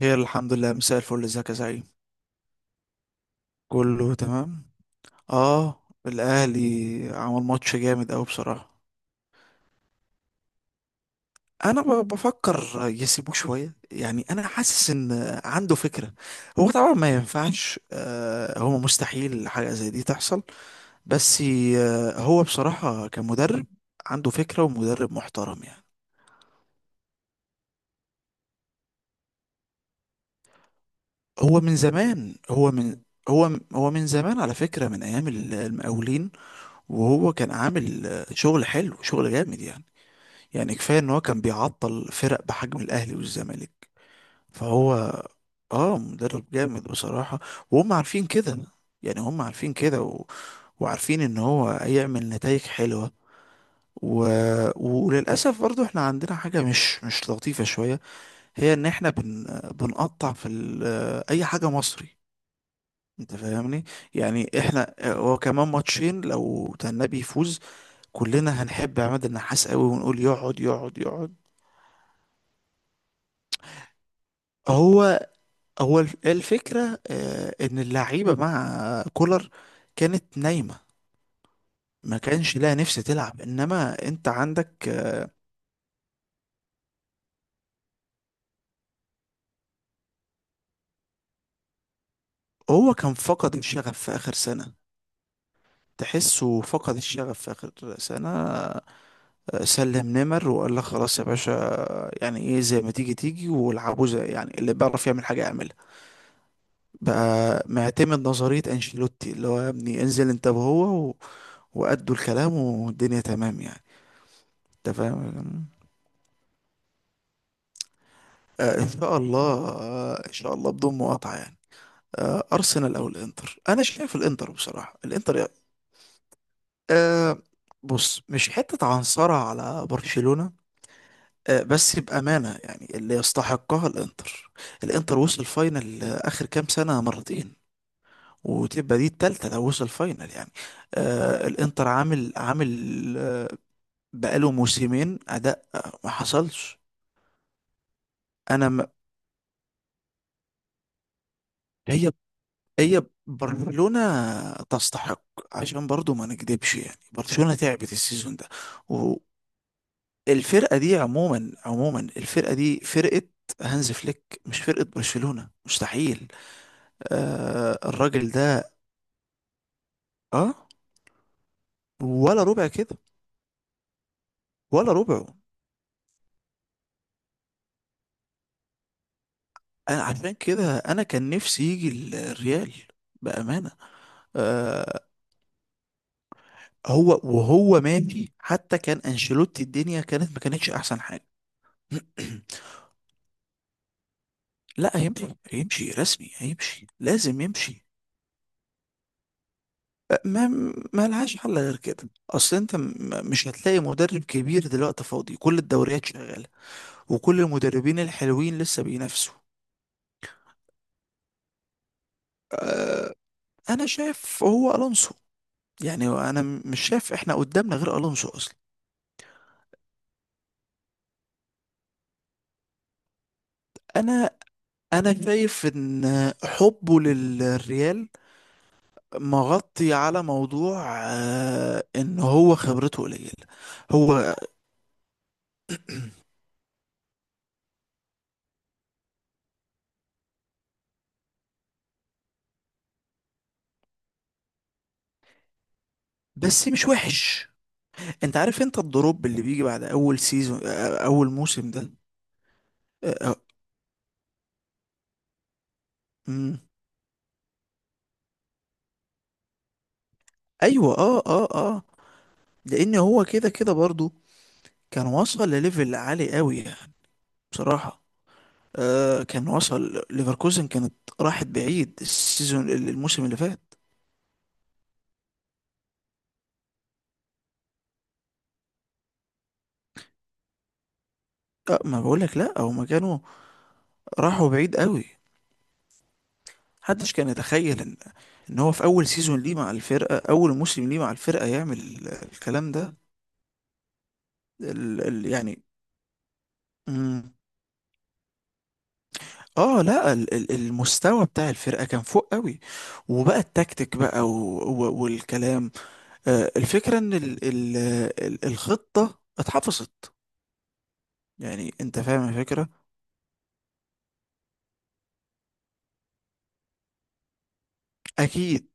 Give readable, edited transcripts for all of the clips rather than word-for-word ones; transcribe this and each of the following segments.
هي الحمد لله. مساء الفل. ازيك يا زعيم؟ كله تمام. اه، الاهلي عمل ماتش جامد قوي بصراحه. انا بفكر يسيبوه شويه، يعني انا حاسس ان عنده فكره. هو طبعا ما ينفعش، هو مستحيل حاجه زي دي تحصل، بس هو بصراحه كمدرب عنده فكره ومدرب محترم، يعني. هو من زمان، هو من زمان على فكره، من ايام المقاولين. وهو كان عامل شغل حلو، شغل جامد، يعني كفاية ان هو كان بيعطل فرق بحجم الاهلي والزمالك. فهو اه مدرب جامد بصراحة، وهم عارفين كده. يعني هم عارفين كده وعارفين ان هو هيعمل نتائج حلوة، و... وللأسف برضو احنا عندنا حاجة مش لطيفة شوية. هي ان احنا بنقطع اي حاجة مصري. انت فاهمني؟ يعني احنا هو كمان ماتشين لو تنبي يفوز كلنا هنحب عماد النحاس قوي، ونقول يقعد يقعد يقعد. هو هو الفكرة، إن اللعيبة مع كولر كانت نايمة، ما كانش لها نفس تلعب، إنما أنت عندك. هو كان فقد الشغف في آخر سنة، تحسه فقد الشغف في آخر سنة. سلم نمر وقال لك خلاص يا باشا. يعني إيه، زي ما تيجي تيجي والعبوا، زي يعني اللي بيعرف يعمل حاجة يعملها. بقى معتمد نظرية أنشيلوتي، اللي هو يا ابني انزل أنت وهو وأدوا الكلام والدنيا تمام، يعني. أنت فاهم؟ ان شاء الله، ان شاء الله بدون مقاطعه، يعني. ارسنال او الانتر، انا شايف الانتر بصراحه، الانتر يعني. آه، بص، مش حته عنصرة على برشلونه، بس بامانه يعني اللي يستحقها الانتر. الانتر وصل فاينل اخر كام سنه مرتين، وتبقى دي التالتة لو وصل فاينل، يعني. الانتر عامل آه بقاله موسمين اداء، ما حصلش. انا م... هي هي برشلونة تستحق، عشان برضو ما نكدبش، يعني برشلونة تعبت السيزون ده. والفرقة دي عموما عموما، الفرقة دي فرقة هانز فليك، مش فرقة برشلونة، مستحيل. الراجل ده. اه، ولا ربع كده، ولا ربعه. انا عشان كده انا كان نفسي يجي الريال، بأمانة. آه وهو ماشي حتى كان انشيلوتي، الدنيا كانت ما كانتش احسن حاجة. لا، هيمشي، هيمشي رسمي، هيمشي لازم يمشي. أه، ما ما لهاش حل غير كده، اصل انت مش هتلاقي مدرب كبير دلوقتي فاضي، كل الدوريات شغاله وكل المدربين الحلوين لسه بينافسوا. انا شايف هو الونسو، يعني انا مش شايف احنا قدامنا غير الونسو اصلا. انا انا شايف ان حبه للريال مغطي على موضوع، ان هو خبرته قليله. هو بس مش وحش، انت عارف انت الدروب اللي بيجي بعد اول سيزون، اول موسم ده. اه، امم. ايوه، اه، اه، اه. لان هو كده كده برضو كان وصل لليفل عالي قوي، يعني. بصراحة كان وصل، ليفركوزن كانت راحت بعيد الموسم اللي فات. ما بقولك، لا، هما كانوا راحوا بعيد قوي. محدش كان يتخيل ان هو في اول موسم ليه مع الفرقة يعمل الكلام ده. ال ال يعني. مم. اه، لا، المستوى بتاع الفرقه كان فوق قوي، وبقى التكتيك بقى، والكلام. الفكره ان الخطه اتحفظت، يعني. انت فاهم الفكره؟ اكيد.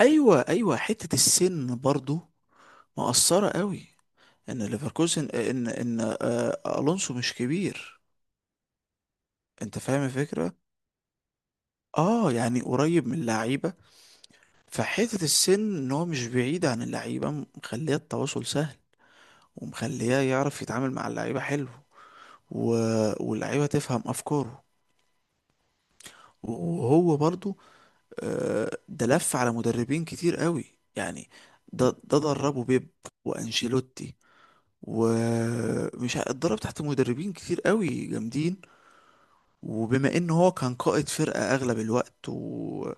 ايوه، ايوه. حته السن برضو مؤثره قوي، ان ليفركوزن، ان الونسو مش كبير. انت فاهم الفكره؟ اه، يعني قريب من اللعيبه، فحته السن ان هو مش بعيد عن اللعيبه، مخليه التواصل سهل، ومخليه يعرف يتعامل مع اللعيبة حلو، و... واللعيبة تفهم أفكاره. وهو برضو ده لف على مدربين كتير قوي، يعني ده دربه بيب وأنشيلوتي، اتدرب تحت مدربين كتير قوي جامدين. وبما ان هو كان قائد فرقة اغلب الوقت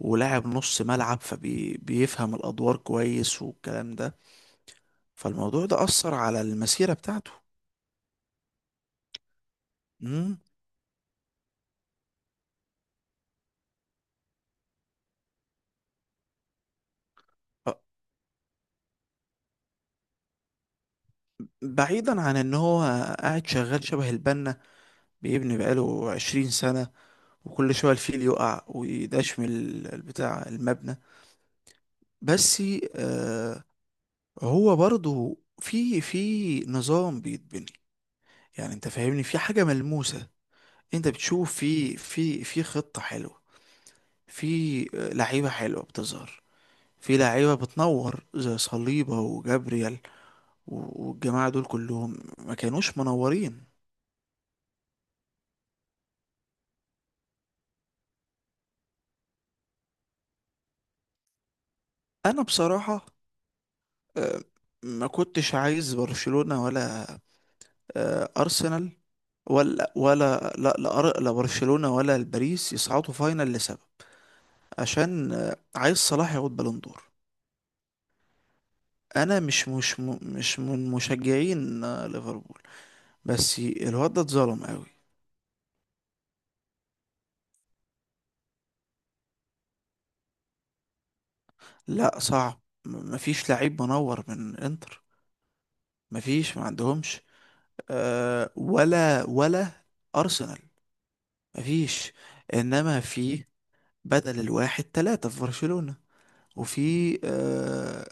ولاعب نص ملعب، فبيفهم الادوار كويس والكلام ده، فالموضوع ده اثر على المسيرة بتاعته. مم. بعيدا عن ان هو قاعد شغال شبه البنا، بيبني بقاله عشرين سنة وكل شوية الفيل يقع ويداش من البتاع المبنى، بس. آه هو برضو في في نظام بيتبني، يعني انت فاهمني، في حاجة ملموسة، انت بتشوف في خطة حلوة، في لعيبة حلوة بتظهر، في لعيبة بتنور زي صليبة وجابريال، والجماعة دول كلهم ما كانوش منورين. انا بصراحة آه، ما كنتش عايز برشلونة، ولا أرسنال، ولا ولا لا لا أر- لا برشلونة ولا الباريس يصعدوا فاينل، لسبب. عشان عايز صلاح ياخد بالون دور. انا مش من مشجعين ليفربول، بس الواد ده اتظلم قوي. لا، صعب. مفيش لعيب منور من انتر. مفيش، ما عندهمش، ولا ارسنال. مفيش. انما في بدل الواحد ثلاثة في برشلونة. وفي آه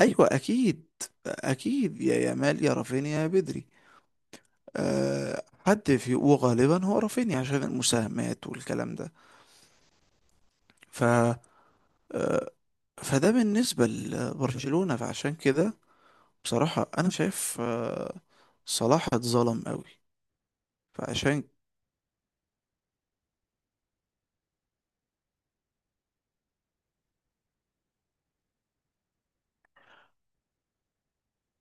ايوه، اكيد. اكيد، يا يامال يا رافينيا يا بدري. حد في، وغالبا هو رافينيا عشان المساهمات والكلام ده، ف فده بالنسبة لبرشلونة. فعشان كده بصراحة انا شايف صلاح اتظلم قوي. فعشان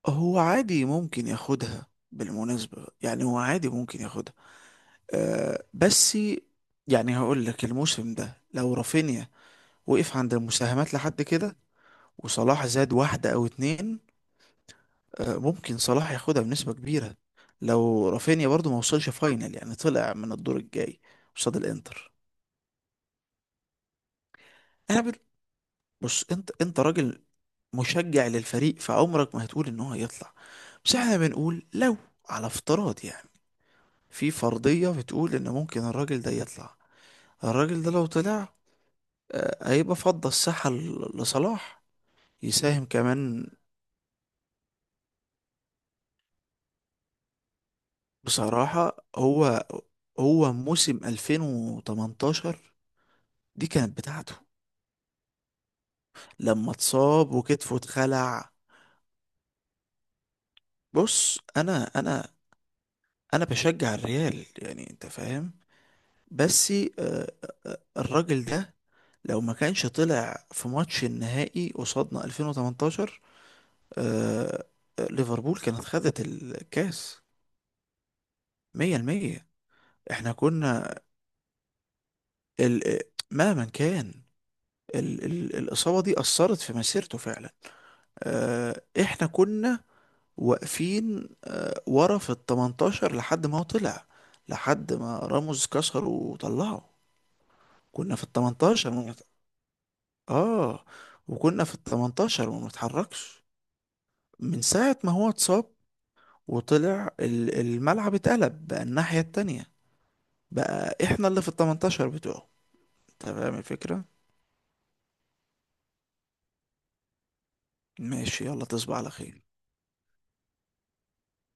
هو عادي ممكن ياخدها بالمناسبة، يعني هو عادي ممكن ياخدها. بس يعني هقول لك الموسم ده لو رافينيا وقف عند المساهمات لحد كده، وصلاح زاد واحدة أو اتنين، ممكن صلاح ياخدها بنسبة كبيرة. لو رافينيا برضو ما وصلش فاينل، يعني طلع من الدور الجاي قصاد الانتر، قابل. بص، انت راجل مشجع للفريق، فعمرك ما هتقول ان هو هيطلع، بس احنا بنقول لو، على افتراض يعني، في فرضية بتقول ان ممكن الراجل ده يطلع. الراجل ده لو طلع، هيبقى فضى الساحة لصلاح يساهم كمان. بصراحة هو موسم 2018 دي كانت بتاعته، لما اتصاب وكتفه اتخلع. بص، انا انا بشجع الريال، يعني انت فاهم. بس آه، الراجل ده لو ما كانش طلع في ماتش النهائي قصادنا 2018، آه، ليفربول كانت خدت الكاس 100%. احنا كنا ال... آه، مهما كان الإصابة دي أثرت في مسيرته فعلا. آه، احنا كنا واقفين ورا في ال 18 لحد ما هو طلع، لحد ما راموس كسره وطلعه. كنا في ال 18، ما بنت... اه وكنا في ال 18 وما بنتحركش من ساعة ما هو اتصاب، وطلع الملعب، اتقلب بقى الناحية التانية، بقى احنا اللي في ال 18 بتوعه. انت فاهم الفكرة؟ ماشي، يلا تصبح على خير.